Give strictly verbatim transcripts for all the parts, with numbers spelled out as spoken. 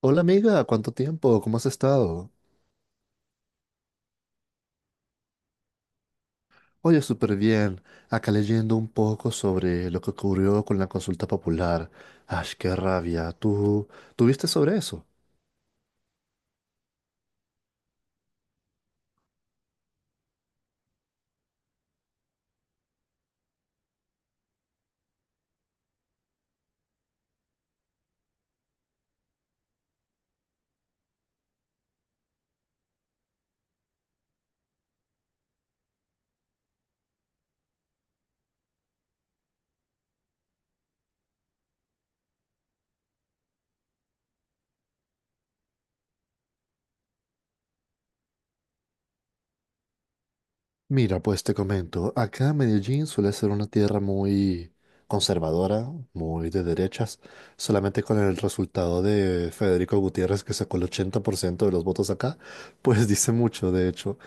Hola amiga, ¿cuánto tiempo? ¿Cómo has estado? Oye, súper bien. Acá leyendo un poco sobre lo que ocurrió con la consulta popular. Ay, qué rabia. ¿Tú, tú viste sobre eso? Mira, pues te comento. Acá Medellín suele ser una tierra muy conservadora, muy de derechas. Solamente con el resultado de Federico Gutiérrez, que sacó el ochenta por ciento de los votos acá, pues dice mucho, de hecho.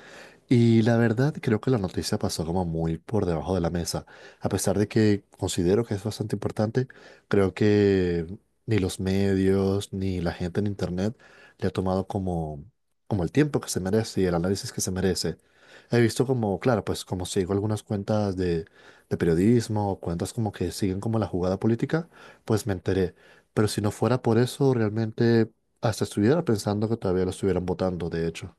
Y la verdad, creo que la noticia pasó como muy por debajo de la mesa. A pesar de que considero que es bastante importante, creo que ni los medios ni la gente en internet le ha tomado como, como el tiempo que se merece y el análisis que se merece. He visto como, claro, pues como sigo algunas cuentas de, de periodismo, cuentas como que siguen como la jugada política, pues me enteré. Pero si no fuera por eso, realmente hasta estuviera pensando que todavía lo estuvieran votando, de hecho.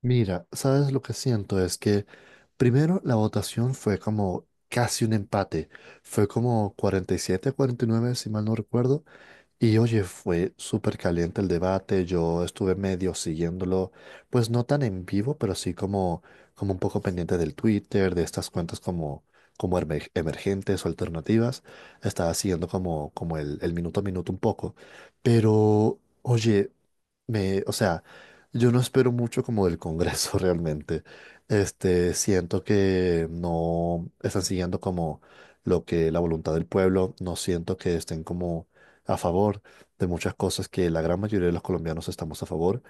Mira, ¿sabes lo que siento? Es que primero la votación fue como casi un empate. Fue como cuarenta y siete a cuarenta y nueve, si mal no recuerdo. Y oye, fue súper caliente el debate, yo estuve medio siguiéndolo, pues no tan en vivo, pero sí como, como un poco pendiente del Twitter, de estas cuentas como, como emer- emergentes o alternativas, estaba siguiendo como, como el, el minuto a minuto un poco, pero oye, me, o sea, yo no espero mucho como del Congreso realmente, este, siento que no están siguiendo como lo que la voluntad del pueblo, no siento que estén como a favor de muchas cosas que la gran mayoría de los colombianos estamos a favor,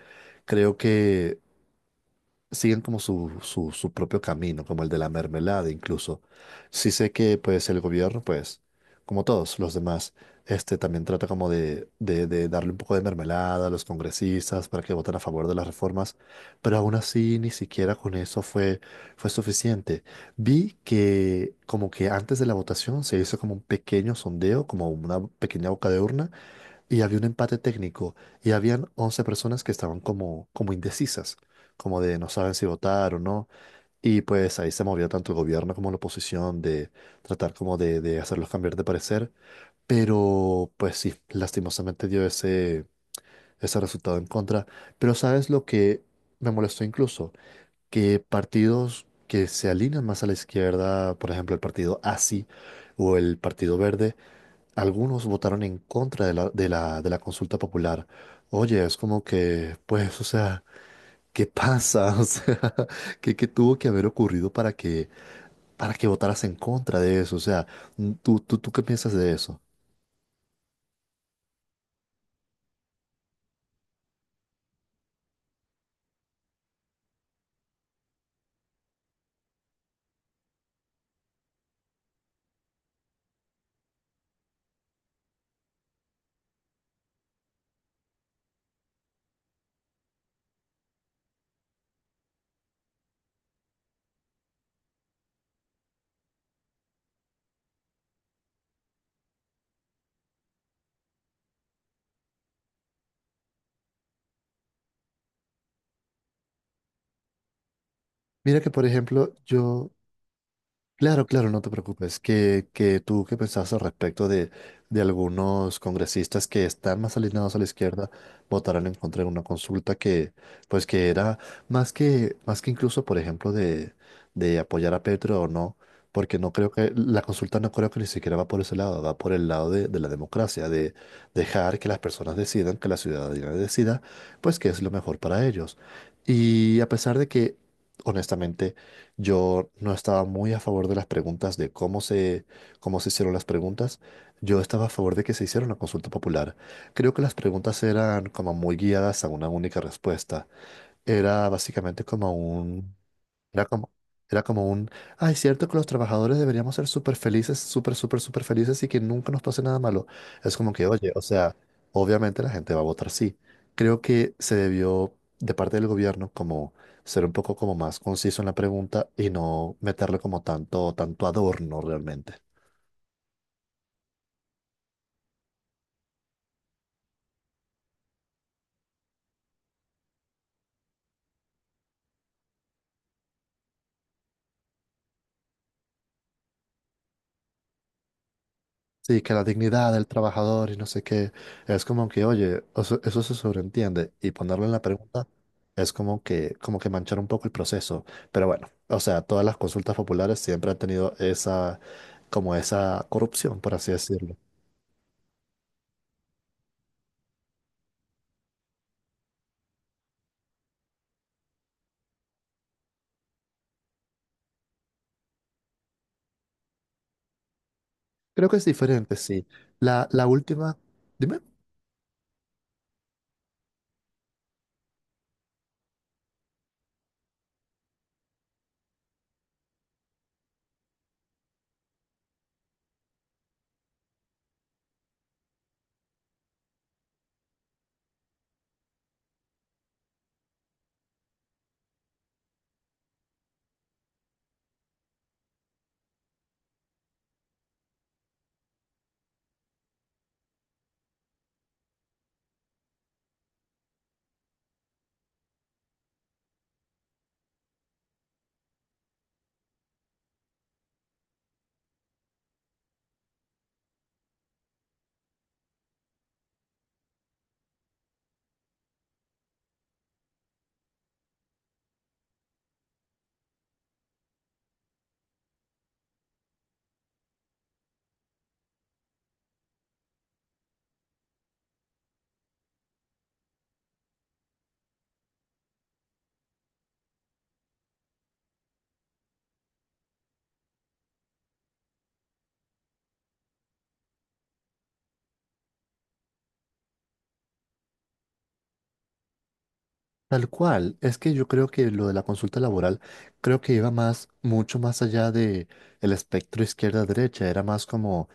creo que siguen como su, su, su propio camino, como el de la mermelada incluso. Sí sé que pues el gobierno, pues, como todos los demás, este también trata como de, de, de darle un poco de mermelada a los congresistas para que voten a favor de las reformas, pero aún así ni siquiera con eso fue, fue suficiente. Vi que como que antes de la votación se hizo como un pequeño sondeo, como una pequeña boca de urna, y había un empate técnico y habían once personas que estaban como, como indecisas, como de no saben si votar o no. Y pues ahí se movió tanto el gobierno como la oposición de tratar como de, de hacerlos cambiar de parecer. Pero pues sí, lastimosamente dio ese, ese resultado en contra. Pero ¿sabes lo que me molestó incluso? Que partidos que se alinean más a la izquierda, por ejemplo el partido A S I o el Partido Verde, algunos votaron en contra de la, de la, de la consulta popular. Oye, es como que, pues, o sea, qué pasa? O sea, ¿qué, qué tuvo que haber ocurrido para que, para que votaras en contra de eso? O sea, ¿tú, tú, tú qué piensas de eso? Mira, que, por ejemplo, yo, claro, claro, no te preocupes. Que, que tú qué pensabas al respecto de, de algunos congresistas que están más alineados a la izquierda votaron en contra de una consulta que, pues que era más que, más que incluso, por ejemplo, de, de apoyar a Petro o no, porque no creo que, la consulta no creo que ni siquiera va por ese lado, va por el lado de, de la democracia, de dejar que las personas decidan, que la ciudadanía decida, pues qué es lo mejor para ellos. Y a pesar de que, honestamente, yo no estaba muy a favor de las preguntas, de cómo se, cómo se hicieron las preguntas. Yo estaba a favor de que se hiciera una consulta popular. Creo que las preguntas eran como muy guiadas a una única respuesta. Era básicamente como un era como, era como un, ay, es cierto que los trabajadores deberíamos ser súper felices, súper, súper, súper felices y que nunca nos pase nada malo. Es como que, oye, o sea, obviamente la gente va a votar sí. Creo que se debió, de parte del gobierno, como ser un poco como más conciso en la pregunta y no meterle como tanto, tanto adorno realmente. Sí, que la dignidad del trabajador y no sé qué, es como que, oye, o sea, eso se sobreentiende y ponerlo en la pregunta es como que, como que manchar un poco el proceso. Pero bueno, o sea, todas las consultas populares siempre han tenido esa, como esa corrupción, por así decirlo. Creo que es diferente, sí. La, la última, dime, tal cual, es que yo creo que lo de la consulta laboral, creo que iba más, mucho más allá de el espectro izquierda-derecha, era más como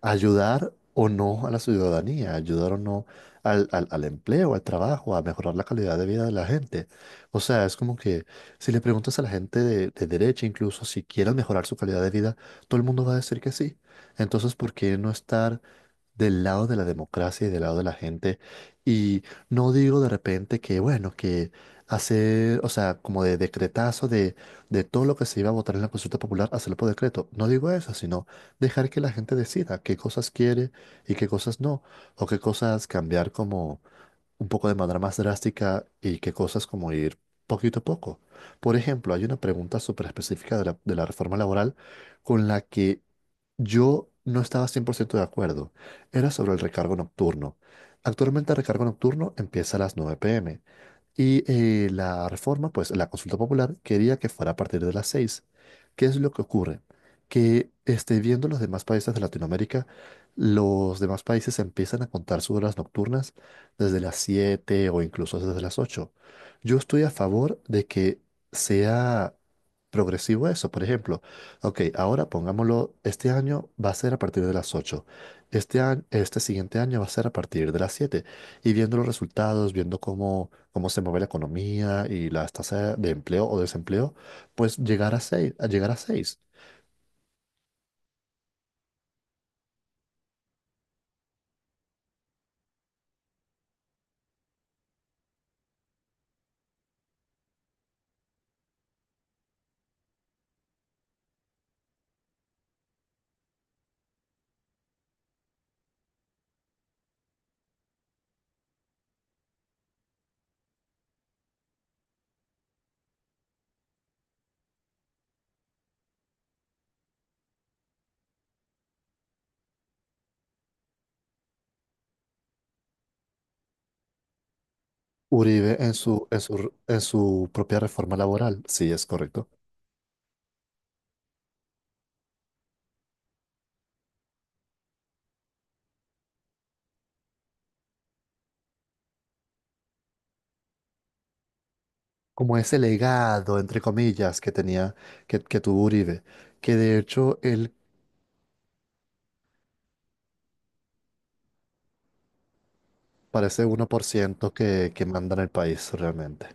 ayudar o no a la ciudadanía, ayudar o no al, al, al empleo, al trabajo, a mejorar la calidad de vida de la gente. O sea, es como que si le preguntas a la gente de, de derecha, incluso si quieren mejorar su calidad de vida, todo el mundo va a decir que sí. Entonces, ¿por qué no estar del lado de la democracia y del lado de la gente. Y no digo de repente que, bueno, que hacer, o sea, como de decretazo de, de todo lo que se iba a votar en la consulta popular, hacerlo por decreto. No digo eso, sino dejar que la gente decida qué cosas quiere y qué cosas no, o qué cosas cambiar como un poco de manera más drástica y que cosas como ir poquito a poco. Por ejemplo, hay una pregunta súper específica de la, de la reforma laboral con la que yo no estaba cien por ciento de acuerdo. Era sobre el recargo nocturno. Actualmente el recargo nocturno empieza a las nueve pm y eh, la reforma, pues la consulta popular quería que fuera a partir de las seis. ¿Qué es lo que ocurre? Que este, viendo los demás países de Latinoamérica, los demás países empiezan a contar sus horas nocturnas desde las siete o incluso desde las ocho. Yo estoy a favor de que sea progresivo eso. Por ejemplo, ok, ahora pongámoslo, este año va a ser a partir de las ocho. Este año, este siguiente año va a ser a partir de las siete. Y viendo los resultados, viendo cómo, cómo se mueve la economía y las tasas de empleo o desempleo, pues llegar a seis. a llegar a seis. Uribe en su, en su, en su propia reforma laboral, sí, es correcto. Como ese legado, entre comillas, que tenía, que, que tuvo Uribe, que de hecho él parece uno por ciento que, que manda en el país realmente.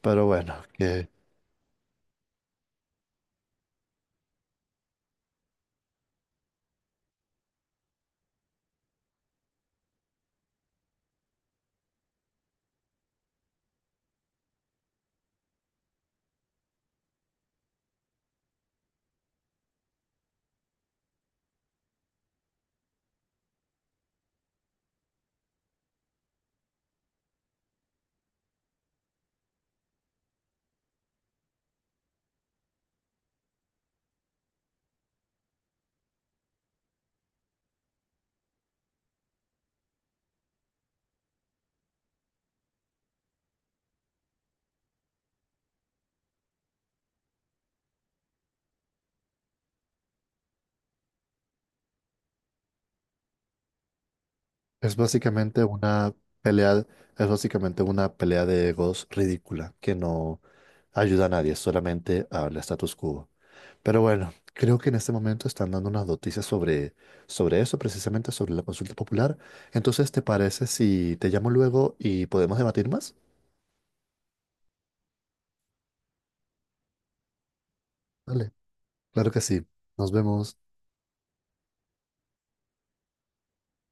Pero bueno, que es básicamente una pelea, es básicamente una pelea de egos ridícula, que no ayuda a nadie, solamente al status quo. Pero bueno, creo que en este momento están dando unas noticias sobre, sobre eso, precisamente sobre la consulta popular. Entonces, ¿te parece si te llamo luego y podemos debatir más? Dale. Claro que sí. Nos vemos.